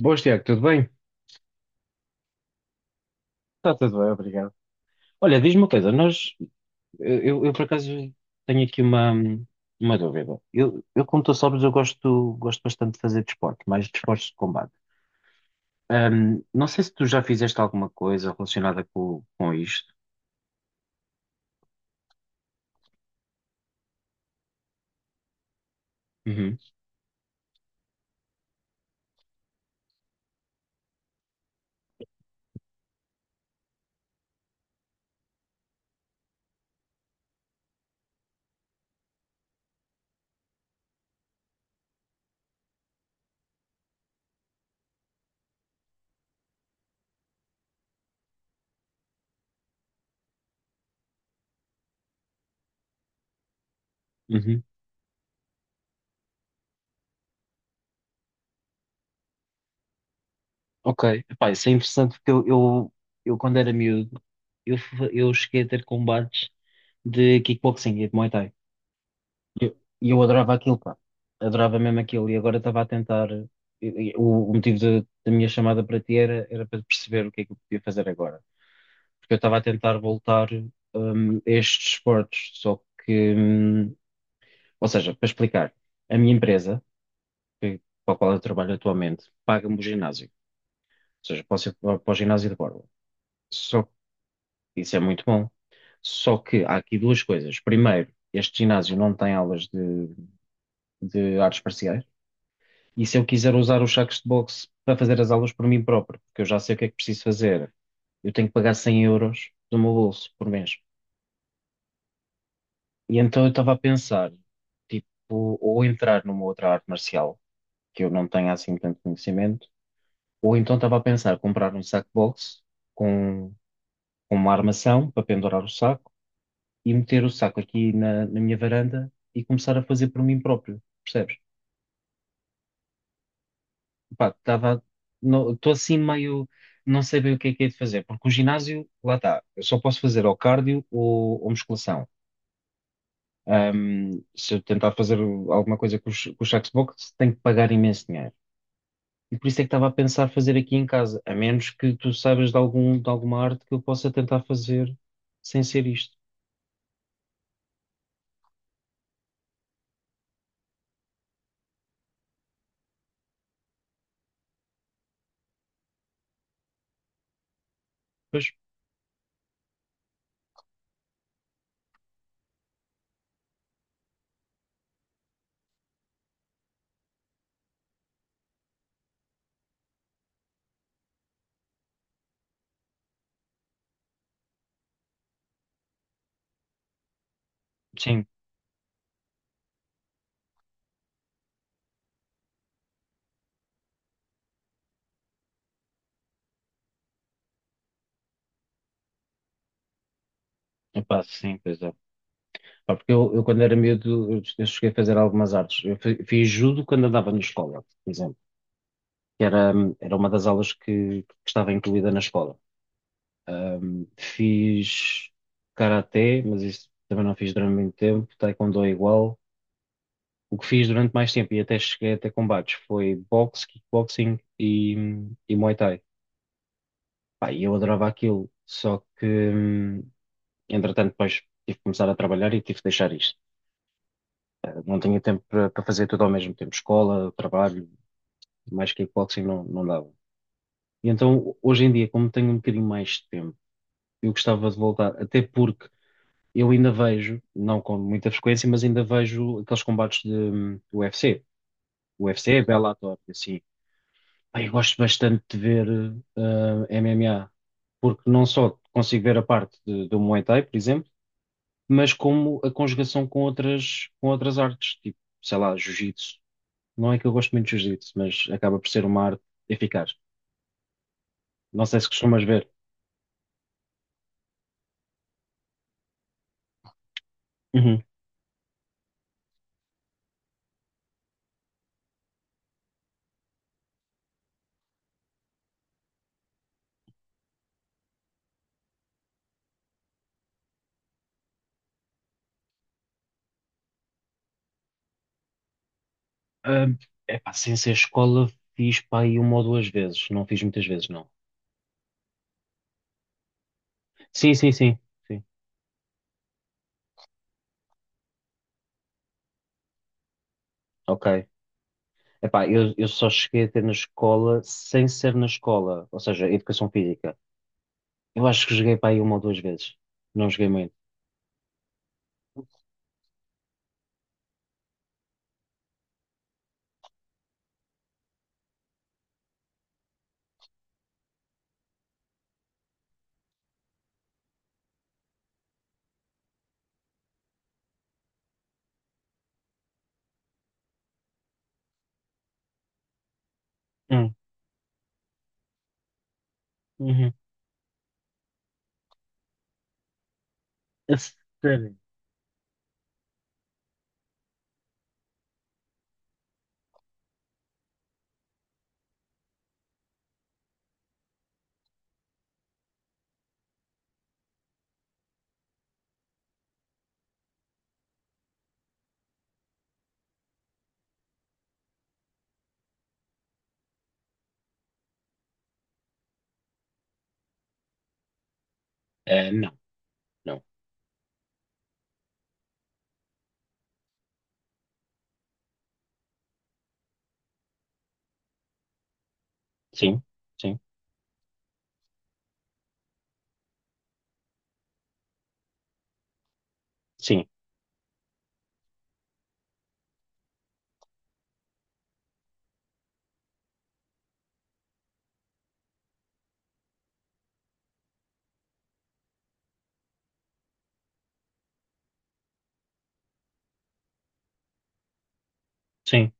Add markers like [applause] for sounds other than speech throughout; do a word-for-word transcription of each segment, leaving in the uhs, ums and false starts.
Boas, Tiago, tudo bem? Está tudo bem, obrigado. Olha, diz-me uma coisa, nós, eu, eu por acaso tenho aqui uma, uma dúvida. Eu, eu, como tu sabes, eu gosto, gosto bastante de fazer desporto, mais desportos de combate. Ahm, não sei se tu já fizeste alguma coisa relacionada com, com isto. Uhum, uhum. Ok. Epá, isso é interessante porque eu, eu, eu, quando era miúdo, eu, f- eu cheguei a ter combates de kickboxing e de Muay Thai. E eu, e eu adorava aquilo, pá. Adorava mesmo aquilo. E agora estava a tentar. e- e O, o motivo da da minha chamada para ti era, era para perceber o que é que eu podia fazer agora. Porque eu estava a tentar voltar, hum, a estes esportes. Só que hum, ou seja, para explicar, a minha empresa, que- para a qual eu trabalho atualmente, paga-me o ginásio. Ou seja, posso ir para, para o ginásio de borla. Só que isso é muito bom. Só que há aqui duas coisas. Primeiro, este ginásio não tem aulas de de artes marciais. E se eu quiser usar os sacos de boxe para fazer as aulas por mim próprio, porque eu já sei o que é que preciso fazer, eu tenho que pagar cem euros do meu bolso por mês. E então eu estava a pensar, tipo, ou entrar numa outra arte marcial, que eu não tenho assim tanto conhecimento, ou então estava a pensar comprar um saco de boxe com, com uma armação para pendurar o saco e meter o saco aqui na, na minha varanda e começar a fazer por mim próprio, percebes? Pá, tava, Estou assim meio, não sei bem o que é que é de fazer, porque o ginásio, lá está, eu só posso fazer ou cardio ou, ou musculação. Ahm, Se eu tentar fazer alguma coisa com os, com os sacos de boxe, tenho que pagar imenso dinheiro. E por isso é que estava a pensar fazer aqui em casa, a menos que tu saibas de algum, de alguma arte que eu possa tentar fazer sem ser isto. Pois, sim, epá, sim, pois é. Pá, porque eu, eu quando era miúdo, eu, eu cheguei a fazer algumas artes. Eu fi- fiz judo quando andava na escola, por exemplo. que era, Era uma das aulas que, que estava incluída na escola. Um, fiz karaté, mas isso também não fiz durante muito tempo, taekwondo é igual. O que fiz durante mais tempo e até cheguei até combates foi boxe, kickboxing e, e Muay Thai. Pá, e eu adorava aquilo, só que hum, entretanto depois tive que começar a trabalhar e tive que deixar isto. Eh, Não tinha tempo para para fazer tudo ao mesmo tempo, escola, trabalho, mais kickboxing não, não dava. E então hoje em dia, como tenho um bocadinho mais de tempo, eu gostava de voltar, até porque eu ainda vejo, não com muita frequência, mas ainda vejo aqueles combates de hum, U F C. U F C é Bellator, assim. Pá, eu gosto bastante de ver ah, M M A, porque não só consigo ver a parte de- do Muay Thai, por exemplo, mas como a conjugação com outras, com outras artes, tipo, sei lá, Jiu-Jitsu. Não é que eu gosto muito de Jiu-Jitsu, mas acaba por ser uma arte eficaz. Não sei se costumas ver. Ah, epá, sem ser escola, fiz pá, aí uma ou duas vezes. Não fiz muitas vezes, não. Sim, sim, sim. Sim. Ok. Epá, eu, eu só cheguei a ter na escola sem ser na escola, ou seja, educação física. Eu acho que joguei para aí uma ou duas vezes. Não joguei muito. Hum, uhum. A sério? Eh, não, não. Sim, sim, sim, sim.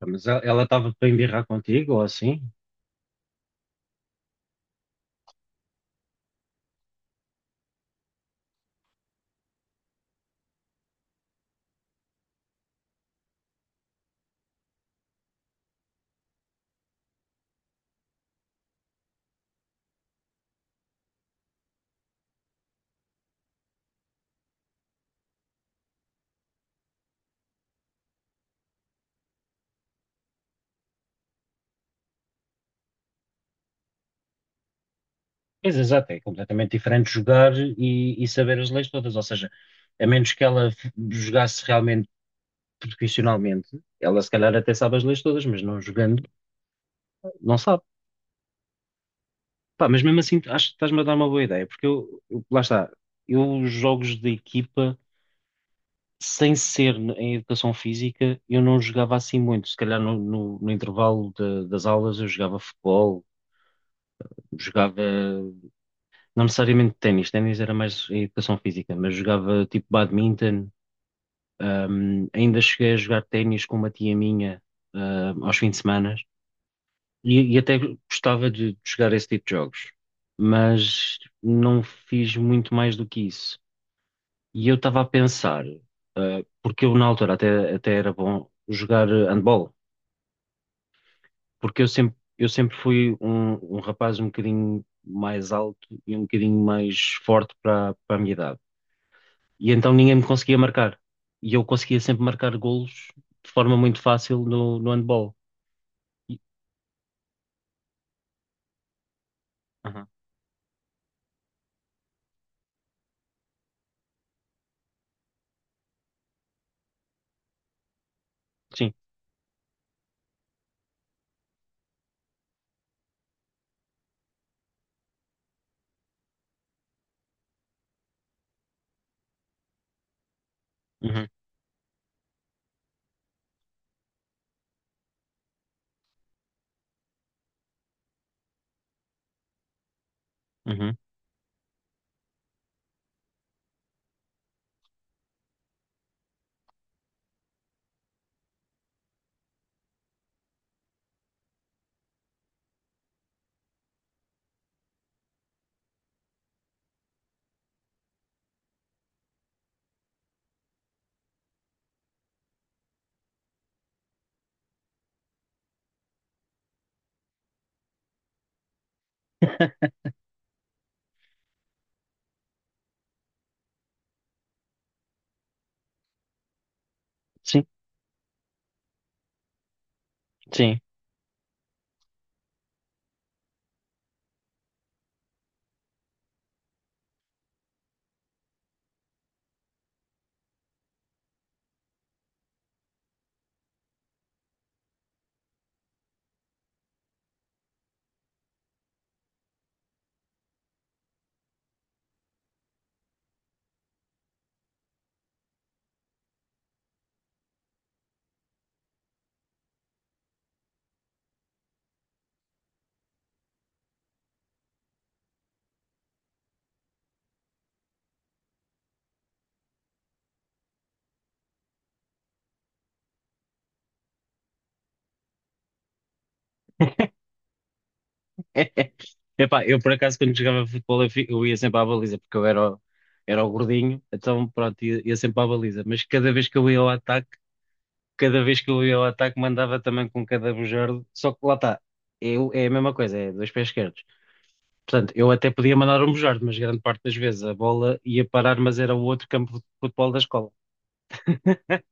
Ah, mas ela ela estava para embirrar contigo ou assim? Pois exato, é completamente diferente jogar e, e saber as leis todas. Ou seja, a menos que ela f- jogasse realmente profissionalmente, ela se calhar até sabe as leis todas, mas não jogando, não sabe. Pá, mas mesmo assim, acho que estás-me a dar uma boa ideia, porque eu, eu- lá está, eu jogos de equipa, sem ser n- em educação física, eu não jogava assim muito. Se calhar no, no- no intervalo de- das aulas eu jogava futebol, jogava, não necessariamente ténis, ténis era mais em educação física, mas jogava tipo badminton. Ahm, ainda cheguei a jogar ténis com uma tia minha, ahm, aos fins de semana. E, e até gostava de jogar esse tipo de jogos, mas não fiz muito mais do que isso. E eu estava a pensar, ah, porque eu na altura até, até era bom jogar eh, handball, porque eu sempre, eu sempre fui um, um rapaz um bocadinho mais alto e um bocadinho mais forte para para a minha idade. E então ninguém me conseguia marcar. E eu conseguia sempre marcar golos de forma muito fácil no, no handball. E- Aham. Sim. Uhum. Uhum. [laughs] Sim, sim. [laughs] Epá, eu por acaso quando jogava futebol eu, fi- eu ia sempre à baliza porque eu era, o- era o gordinho, então pronto, ia, ia sempre à baliza, mas cada vez que eu ia ao ataque, cada vez que eu ia ao ataque mandava também com cada bujardo, só que lá está, é, o- é a mesma coisa, é dois pés esquerdos. Portanto, eu até podia mandar um bujardo, mas grande parte das vezes a bola ia parar, mas era o outro campo de futebol da escola. [laughs]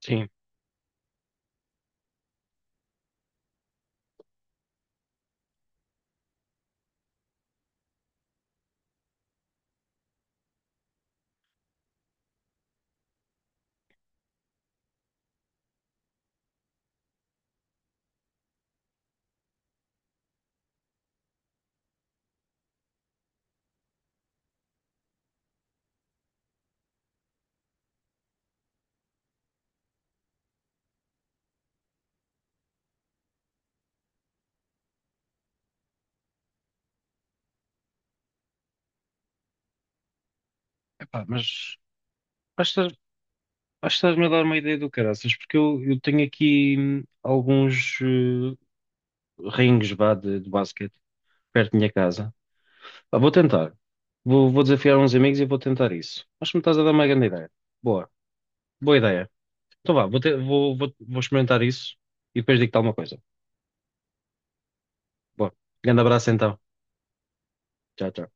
Sim, epá, mas acho que estás- acho que estás-me a dar uma ideia do caraças, porque eu, eu tenho aqui hum, alguns eh, rings vá, de, de basquete perto da minha casa. Pá, vou tentar. Vou, vou desafiar uns amigos e vou tentar isso. Acho que me estás a dar uma grande ideia. Boa, boa ideia. Então vá, vou, te- vou, vou, vou experimentar isso e depois digo-te alguma coisa. Boa. Grande abraço então. Tchau, tchau.